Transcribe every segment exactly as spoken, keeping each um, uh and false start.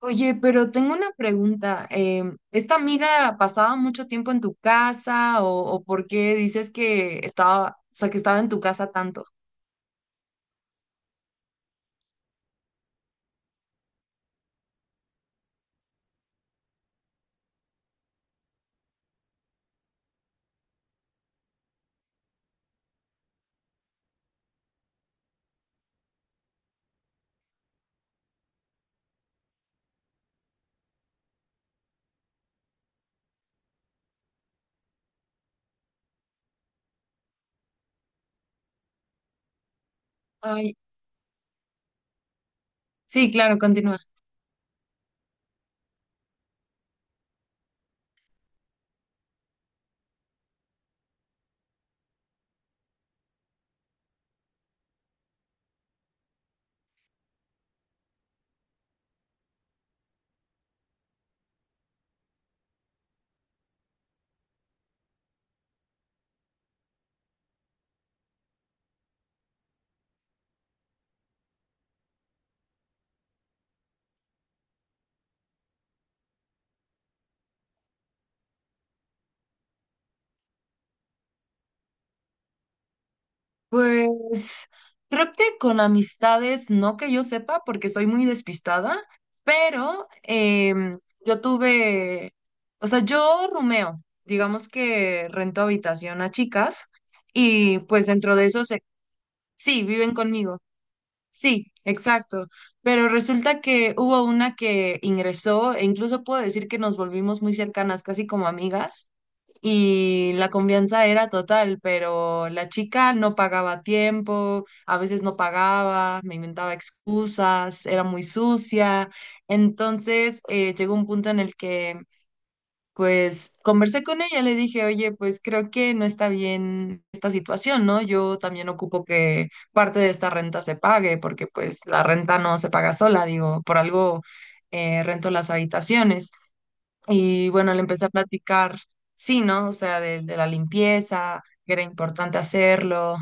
Oye, pero tengo una pregunta. Em, ¿esta amiga pasaba mucho tiempo en tu casa o, o por qué dices que estaba, o sea, que estaba en tu casa tanto? Ay, sí, claro, continúa. Pues creo que con amistades, no que yo sepa, porque soy muy despistada, pero em, yo tuve, o sea, yo rumeo, digamos que rento habitación a chicas y pues dentro de eso se, sí, viven conmigo. Sí, exacto. Pero resulta que hubo una que ingresó, e incluso puedo decir que nos volvimos muy cercanas, casi como amigas, y la confianza era total, pero la chica no pagaba a tiempo, a veces no pagaba, me inventaba excusas, era muy sucia. Entonces, eh, llegó un punto en el que pues conversé con ella, le dije, oye, pues creo que no está bien esta situación, ¿no? Yo también ocupo que parte de esta renta se pague, porque pues la renta no se paga sola, digo, por algo eh, rento las habitaciones. Y bueno, le empecé a platicar, sí, ¿no? O sea, de, de la limpieza, que era importante hacerlo.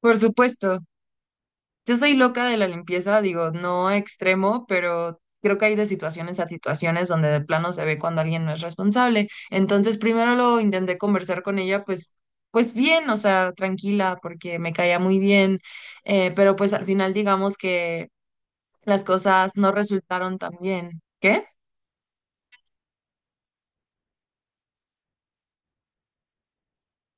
Por supuesto, yo soy loca de la limpieza, digo, no extremo, pero creo que hay de situaciones a situaciones donde de plano se ve cuando alguien no es responsable. Entonces, primero lo intenté conversar con ella, pues, pues bien, o sea, tranquila, porque me caía muy bien, eh, pero pues al final digamos que las cosas no resultaron tan bien. ¿Qué?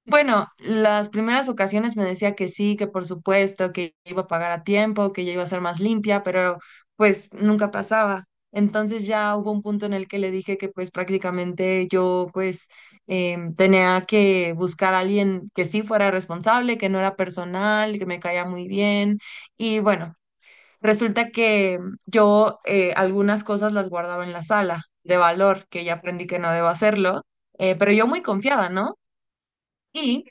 Bueno, las primeras ocasiones me decía que sí, que por supuesto, que iba a pagar a tiempo, que ya iba a ser más limpia, pero pues nunca pasaba. Entonces ya hubo un punto en el que le dije que pues prácticamente yo pues em, tenía que buscar a alguien que sí fuera responsable, que no era personal, que me caía muy bien. Y bueno, resulta que yo eh, algunas cosas las guardaba en la sala de valor, que ya aprendí que no debo hacerlo, eh, pero yo muy confiada, ¿no? Y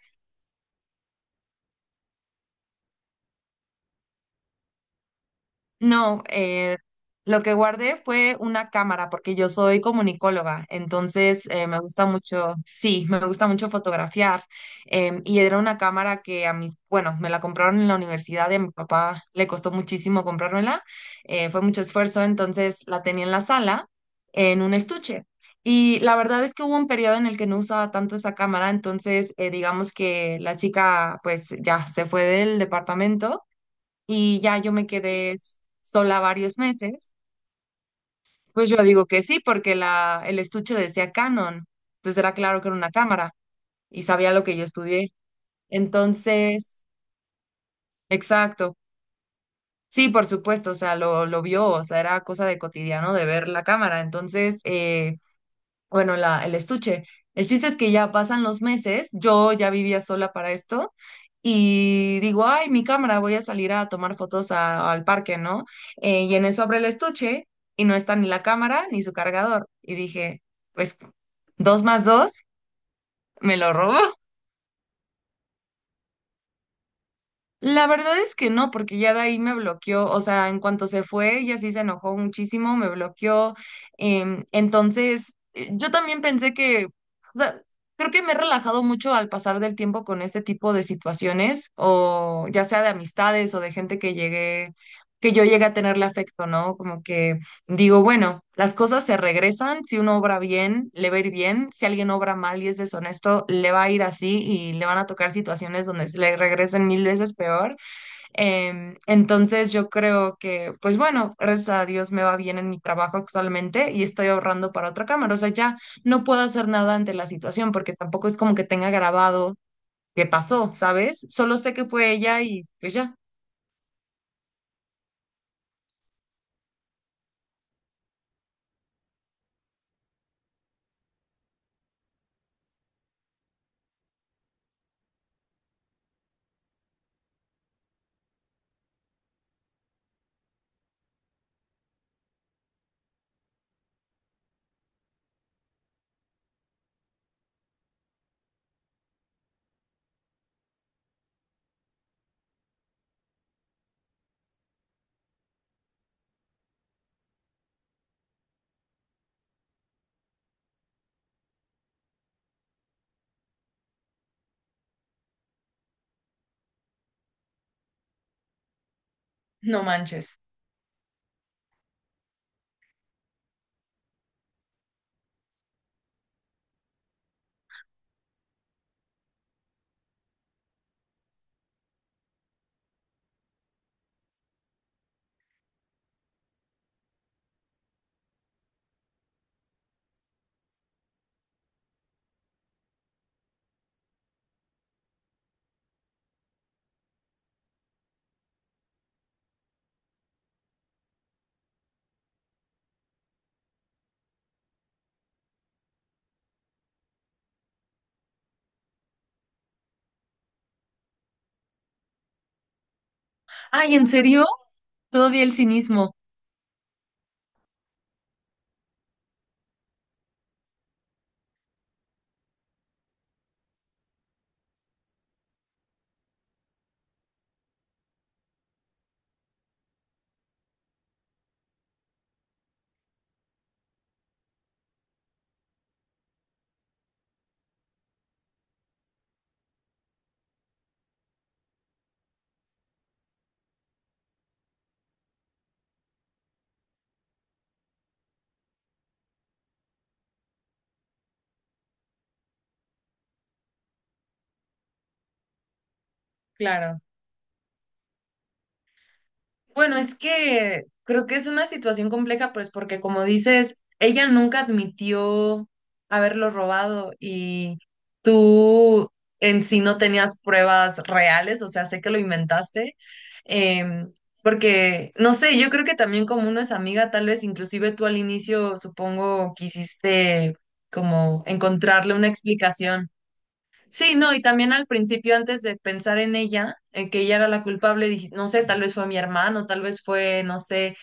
no, eh, lo que guardé fue una cámara, porque yo soy comunicóloga, entonces eh, me gusta mucho, sí, me gusta mucho fotografiar. Em, y era una cámara que a mis, bueno, me la compraron en la universidad y a mi papá le costó muchísimo comprármela, eh, fue mucho esfuerzo, entonces la tenía en la sala, en un estuche. Y la verdad es que hubo un periodo en el que no usaba tanto esa cámara, entonces eh, digamos que la chica pues ya se fue del departamento y ya yo me quedé s- sola varios meses, pues yo digo que sí, porque la, el estuche decía Canon, entonces era claro que era una cámara y sabía lo que yo estudié. Entonces, exacto, sí, por supuesto, o sea, lo, lo vio, o sea, era cosa de cotidiano de ver la cámara, entonces, eh, bueno, la, el estuche. El chiste es que ya pasan los meses, yo ya vivía sola para esto y digo, ay, mi cámara, voy a salir a tomar fotos a- al parque, ¿no? Eh, y en eso abre el estuche y no está ni la cámara ni su cargador. Y dije, pues dos más dos, me lo robó. La verdad es que no, porque ya de ahí me bloqueó, o sea, en cuanto se fue, ella sí se enojó muchísimo, me bloqueó. Em, entonces, eh, yo también pensé que, o sea, creo que me he relajado mucho al pasar del tiempo con este tipo de situaciones, o ya sea de amistades o de gente que llegué, que yo llegué a tenerle afecto, ¿no? Como que digo, bueno, las cosas se regresan, si uno obra bien, le va a ir bien, si alguien obra mal y es deshonesto, le va a ir así y le van a tocar situaciones donde se le regresen mil veces peor. Em, entonces yo creo que, pues bueno, gracias a Dios me va bien en mi trabajo actualmente y estoy ahorrando para otra cámara. O sea, ya no puedo hacer nada ante la situación porque tampoco es como que tenga grabado qué pasó, ¿sabes? Solo sé que fue ella y pues ya. No manches. Ay, ¿en serio? Todavía el cinismo. Claro. Bueno, es que creo que es una situación compleja, pues porque como dices, ella nunca admitió haberlo robado y tú en sí no tenías pruebas reales, o sea, sé que lo inventaste, em, porque, no sé, yo creo que también como uno es amiga, tal vez inclusive tú al inicio, supongo, quisiste como encontrarle una explicación. Sí, no, y también al principio, antes de pensar en ella, en que ella era la culpable, dije, no sé, tal vez fue mi hermano, tal vez fue, no sé,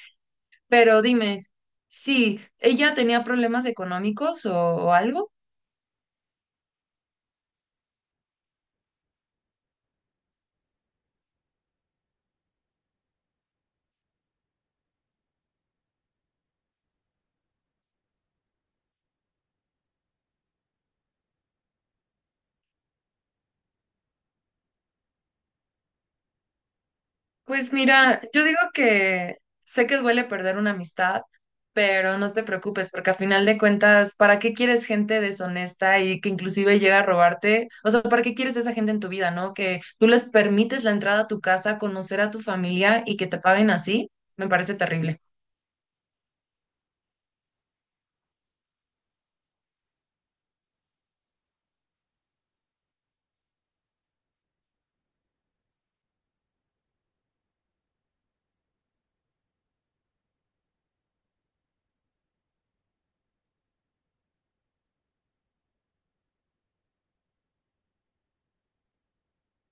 pero dime, sí, ¿ella tenía problemas económicos o, o algo? Pues mira, yo digo que sé que duele perder una amistad, pero no te preocupes, porque a final de cuentas, ¿para qué quieres gente deshonesta y que inclusive llega a robarte? O sea, ¿para qué quieres esa gente en tu vida, no? Que tú les permites la entrada a tu casa, conocer a tu familia y que te paguen así, me parece terrible.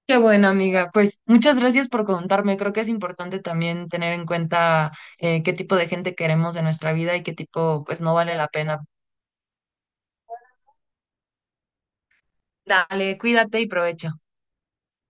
Qué bueno, amiga. Pues muchas gracias por contarme. Creo que es importante también tener en cuenta eh, qué tipo de gente queremos en nuestra vida y qué tipo, pues no vale la pena. Dale, cuídate y provecho.